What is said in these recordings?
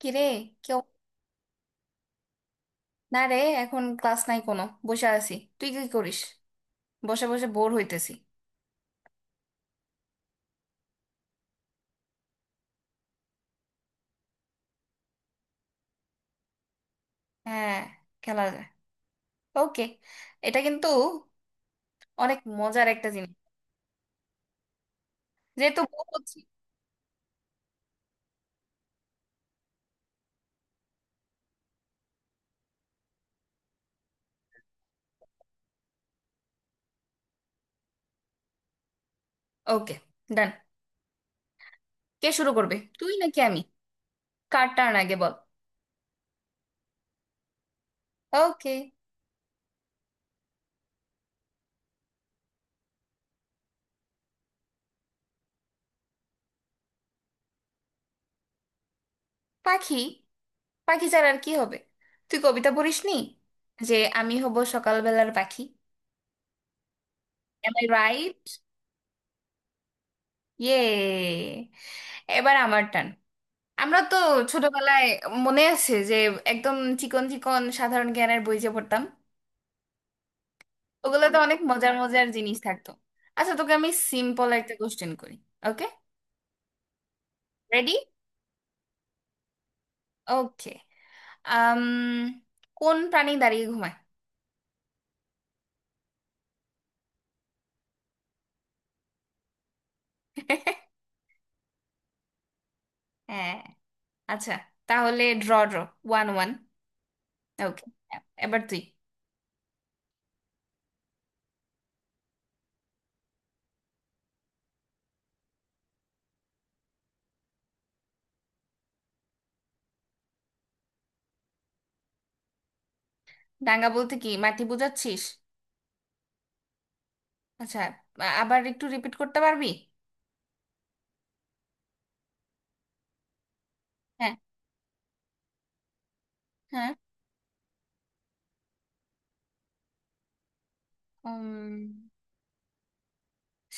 কিরে। কেউ... না রে, এখন ক্লাস নাই কোনো। বসে আছি। তুই কি করিস? বসে বসে বোর হইতেছি। হ্যাঁ, খেলা যায়। ওকে। এটা কিন্তু অনেক মজার একটা জিনিস, যেহেতু বোর হচ্ছি। ওকে, ডান। কে শুরু করবে, তুই নাকি আমি? কার টার্ন আগে বল। ওকে। পাখি। পাখি ছাড়া আর কি হবে? তুই কবিতা পড়িসনি, যে আমি হব সকালবেলার পাখি? Am I right? ইয়ে, এবার আমার টান। আমরা তো ছোটবেলায়, মনে আছে যে একদম চিকন চিকন সাধারণ জ্ঞানের বই যে পড়তাম, ওগুলোতে অনেক মজার মজার জিনিস থাকতো। আচ্ছা, তোকে আমি সিম্পল একটা কোশ্চেন করি। ওকে। রেডি? ওকে। আম কোন প্রাণী দাঁড়িয়ে ঘুমায়? হ্যাঁ, আচ্ছা। তাহলে ড্র ড্র, 1-1। ওকে, এবার তুই। ডাঙ্গা বলতে কি মাটি বোঝাচ্ছিস? আচ্ছা, আবার একটু রিপিট করতে পারবি? হ্যাঁ। হ্যাঁ। উম,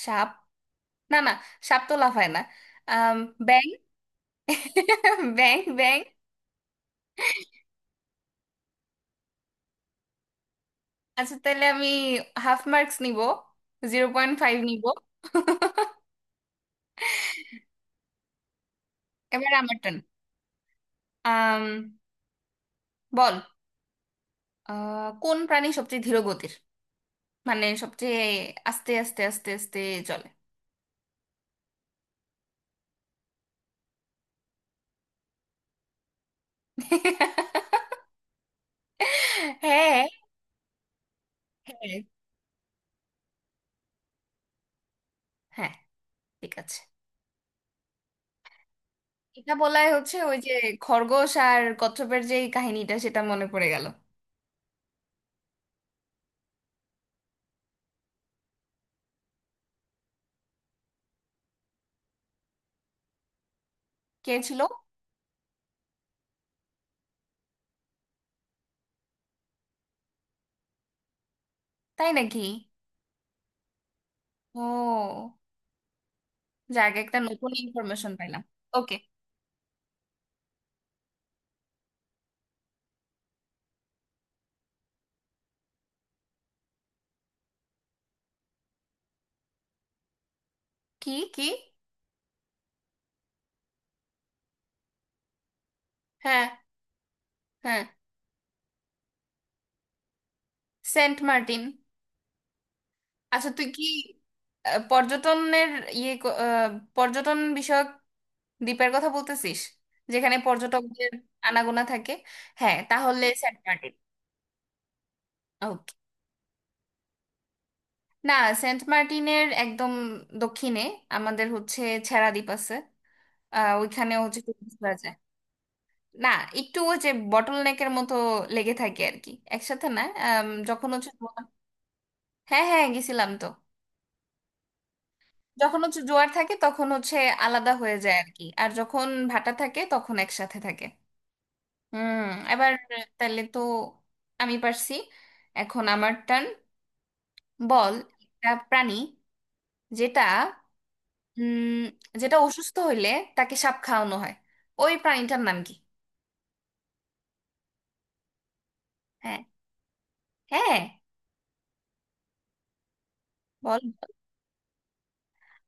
সাপ। না না, সাপ তো লাফায় না। আম, ব্যাং। ব্যাং ব্যাং। আচ্ছা, তাহলে আমি হাফ মার্কস নিব, 0.5 নিব। এবার আমার টার্ন। আম, বল। কোন প্রাণী সবচেয়ে ধীর গতির? মানে সবচেয়ে আস্তে আস্তে আস্তে আস্তে চলে। হ্যাঁ। হ্যাঁ। হ্যাঁ, ঠিক আছে। এটা বলাই হচ্ছে, ওই যে খরগোশ আর কচ্ছপের যে এই কাহিনীটা, সেটা মনে পড়ে গেল। কে ছিল? তাই নাকি? ও। যাক, একটা নতুন ইনফরমেশন পাইলাম। ওকে। কি কি? হ্যাঁ, হ্যাঁ, সেন্ট মার্টিন। আচ্ছা তুই কি পর্যটনের ইয়ে, পর্যটন বিষয়ক দ্বীপের কথা বলতেছিস? যেখানে পর্যটকদের আনাগোনা থাকে। হ্যাঁ, তাহলে সেন্ট মার্টিন। ওকে। না, সেন্ট মার্টিনের একদম দক্ষিণে আমাদের হচ্ছে ছেড়া দ্বীপ আছে। আহ, ওইখানে হচ্ছে tourist রা যায়। না, একটু ওই যে বটল নেকের মতো লেগে থাকে আর কি। একসাথে না। যখন হচ্ছে... হ্যাঁ হ্যাঁ, গেছিলাম তো। যখন হচ্ছে জোয়ার থাকে তখন হচ্ছে আলাদা হয়ে যায় আর কি, আর যখন ভাটা থাকে তখন একসাথে থাকে। হুম। এবার, তাহলে তো আমি পারছি, এখন আমার টার্ন। বল। একটা প্রাণী, যেটা উম যেটা অসুস্থ হইলে তাকে সাপ খাওয়ানো হয়, ওই প্রাণীটার নাম কি? হ্যাঁ। হ্যাঁ, বল।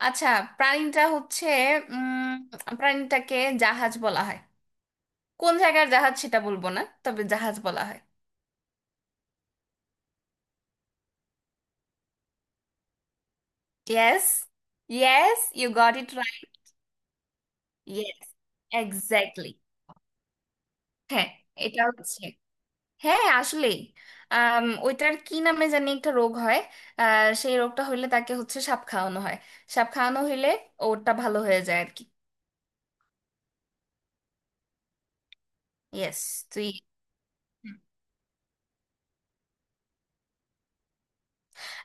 আচ্ছা, প্রাণীটা হচ্ছে... উম প্রাণীটাকে জাহাজ বলা হয়। কোন জায়গার জাহাজ সেটা বলবো না, তবে জাহাজ বলা হয়। Yes, yes, you got it right. Yes, exactly. হ্যাঁ, এটা হচ্ছে, হ্যাঁ আসলে, ওইটার কি নামে জানি একটা রোগ হয়। আহ, সেই রোগটা হইলে তাকে হচ্ছে সাপ খাওয়ানো হয়। সাপ খাওয়ানো হইলে ওরটা ভালো হয়ে যায় আর কি। ইয়েস, তুই...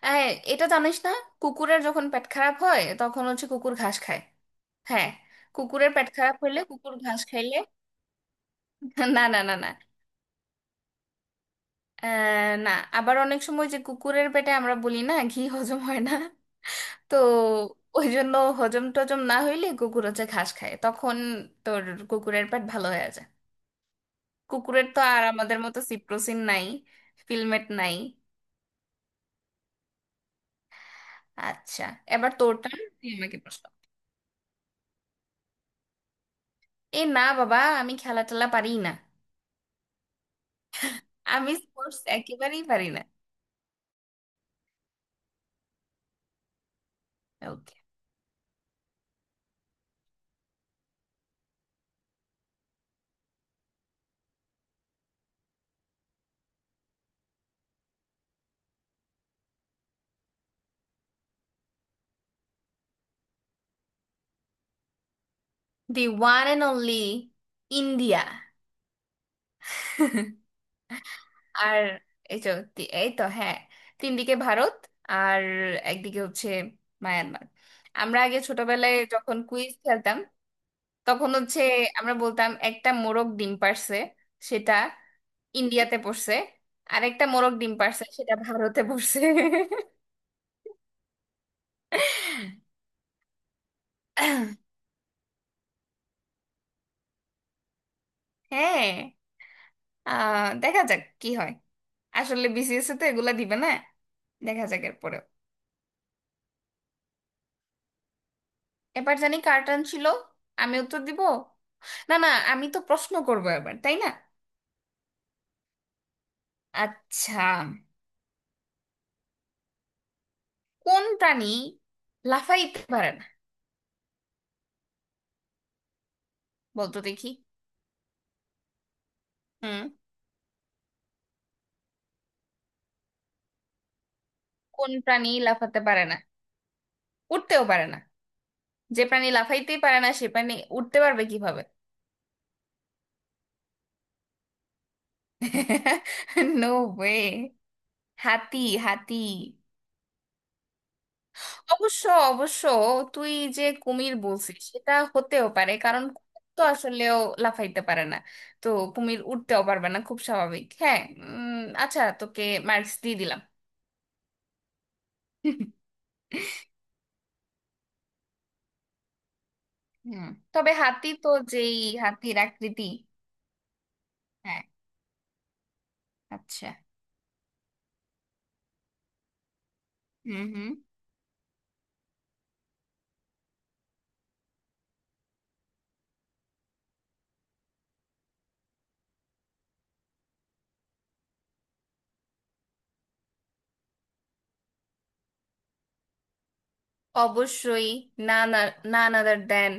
হ্যাঁ, এটা জানিস না? কুকুরের যখন পেট খারাপ হয় তখন হচ্ছে কুকুর ঘাস খায়। হ্যাঁ। কুকুরের পেট খারাপ হইলে কুকুর ঘাস খাইলে... না না না না। আহ, না, আবার অনেক সময় যে কুকুরের পেটে আমরা বলি না ঘি হজম হয় না, তো ওই জন্য হজম টজম না হইলে কুকুর হচ্ছে ঘাস খায়, তখন তোর কুকুরের পেট ভালো হয়ে যায়। কুকুরের তো আর আমাদের মতো সিপ্রোসিন নাই, ফিলমেট নাই। আচ্ছা, এবার তোরটা, তুই আমাকে প্রশ্ন... এ না বাবা, আমি খেলা টেলা পারি না। আমি স্পোর্টস একেবারেই পারি না। Okay. The one and only India. আর, এই তো, এই তো, হ্যাঁ, তিন দিকে ভারত আর একদিকে হচ্ছে মায়ানমার। আমরা আগে ছোটবেলায় যখন কুইজ খেলতাম, তখন হচ্ছে আমরা বলতাম একটা মোরগ ডিম পারছে সেটা ইন্ডিয়াতে পড়ছে, আর একটা মোরগ ডিম পারছে সেটা ভারতে পড়ছে। হ্যাঁ, আহ, দেখা যাক কি হয়। আসলে বিসিএস তো এগুলা দিবে না, দেখা যাক এরপরে। এবার জানি কার টার্ন ছিল, আমি উত্তর দিব? না না, আমি তো প্রশ্ন করবো এবার, তাই না? আচ্ছা, কোন প্রাণী লাফাইতে পারে না? বলতো দেখি। হুম। কোন প্রাণী লাফাতে পারে না? উঠতেও পারে না। যে প্রাণী লাফাইতেই পারে না সে প্রাণী উঠতে পারবে কিভাবে? No way. হাতি। হাতি। অবশ্য, অবশ্য তুই যে কুমির বলছিস সেটা হতেও পারে, কারণ কুমির তো আসলেও লাফাইতে পারে না, তো কুমির উঠতেও পারবে না, খুব স্বাভাবিক। হ্যাঁ। আচ্ছা, তোকে মার্কস দিয়ে দিলাম। হুম। তবে হাতি তো যেই... হাতির আকৃতি... হ্যাঁ। আচ্ছা। হুম হুম। অবশ্যই। না না, না other then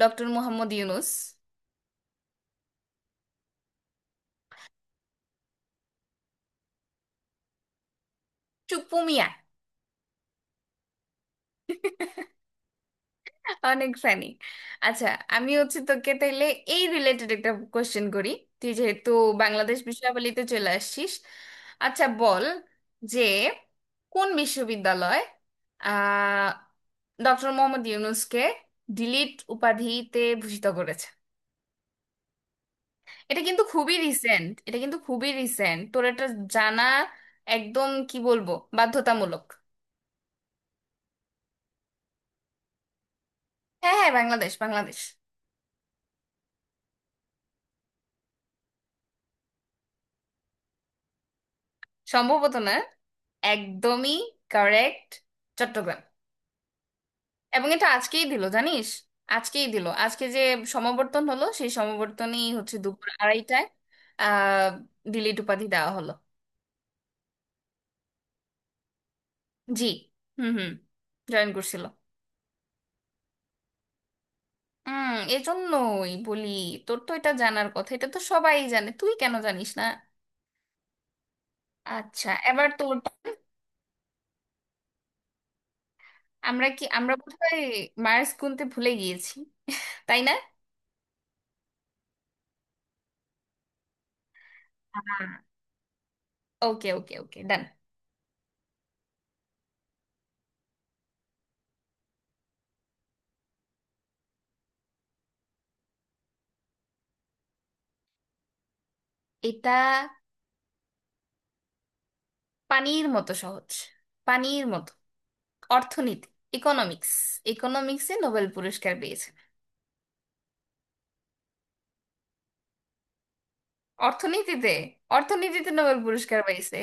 doctor Mohammad Yunus. চুপু মিয়া। অনেক ফানি। আচ্ছা, আমি হচ্ছে তোকে তাইলে এই রিলেটেড একটা কোশ্চেন করি, তুই যেহেতু বাংলাদেশ বিষয়াবলিতে চলে আসছিস। আচ্ছা, বল। যে, কোন বিশ্ববিদ্যালয় আহ ডক্টর মোহাম্মদ ইউনুসকে ডিলিট উপাধিতে ভূষিত করেছে? এটা কিন্তু খুবই রিসেন্ট, এটা কিন্তু খুবই রিসেন্ট, তোর এটা জানা একদম, কি বলবো, বাধ্যতামূলক। হ্যাঁ হ্যাঁ, বাংলাদেশ, বাংলাদেশ। সম্ভবত না, একদমই কারেক্ট। চট্টগ্রাম। এবং এটা আজকেই দিল, জানিস? আজকেই দিল, আজকে যে সমাবর্তন হলো সেই সমাবর্তনেই হচ্ছে দুপুর আড়াইটায়, আহ, ডিলিট উপাধি দেওয়া হলো। জি। হুম হুম। জয়েন করছিল। হুম, এজন্যই বলি, তোর তো এটা জানার কথা, এটা তো সবাই জানে, তুই কেন জানিস না? আচ্ছা, এবার তোর। আমরা কি, আমরা বোধহয় মার্স গুনতে ভুলে গিয়েছি, তাই না? ওকে ওকে ওকে, ডান। এটা পানির মতো সহজ, পানির মতো। অর্থনীতি। ইকোনমিক্স। ইকোনমিক্সে নোবেল পুরস্কার পেয়েছে। অর্থনীতিতে, অর্থনীতিতে নোবেল পুরস্কার পাইছে।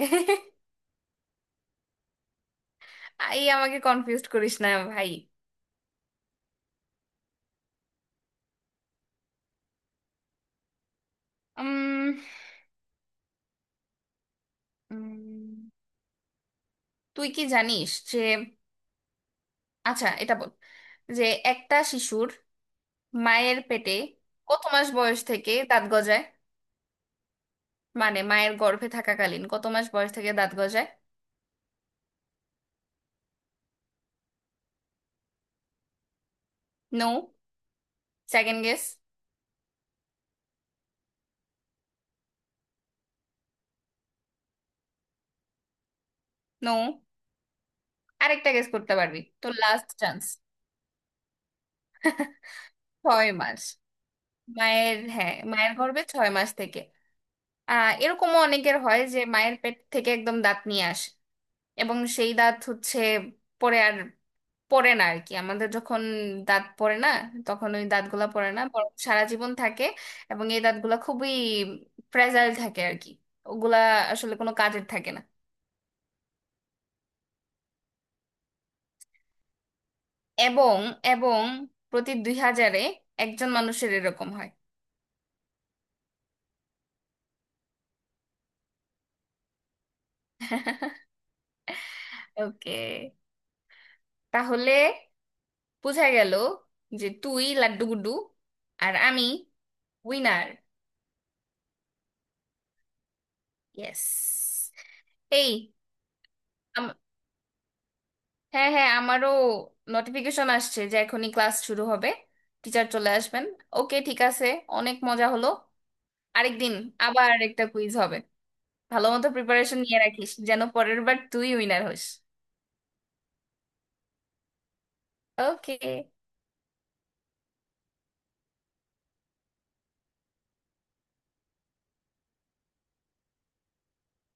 এই, আমাকে কনফিউজ করিস না ভাই। উম, উম, তুই কি জানিস যে... আচ্ছা, এটা বল, যে একটা শিশুর মায়ের পেটে কত মাস বয়স থেকে দাঁত গজায়? মানে মায়ের গর্ভে থাকাকালীন কত মাস বয়স থেকে দাঁত গজায়? No, second guess. নো, আরেকটা গেস করতে পারবি তো, লাস্ট চান্স। 6 মাস। মায়ের, হ্যাঁ, মায়ের গর্ভে ছয় মাস থেকে। আহ, এরকমও অনেকের হয় যে মায়ের পেট থেকে একদম দাঁত নিয়ে আসে। এবং সেই দাঁত হচ্ছে পরে আর পড়ে না আর কি, আমাদের যখন দাঁত পড়ে না তখন ওই দাঁতগুলা পড়ে না, বরং সারা জীবন থাকে। এবং এই দাঁতগুলা খুবই ফ্রেজাইল থাকে আর কি, ওগুলা আসলে কোনো কাজের থাকে না। এবং এবং প্রতি 2,000-এ একজন মানুষের এরকম হয়। ওকে, তাহলে বোঝা গেল যে তুই লাড্ডু গুড্ডু আর আমি উইনার। ইয়েস। এই, আম- হ্যাঁ হ্যাঁ, আমারও নোটিফিকেশন আসছে যে এখনই ক্লাস শুরু হবে, টিচার চলে আসবেন। ওকে, ঠিক আছে, অনেক মজা হলো। আরেকদিন আবার একটা কুইজ হবে, ভালো মতো প্রিপারেশন নিয়ে রাখিস যেন পরের বার তুই উইনার হোস। ওকে।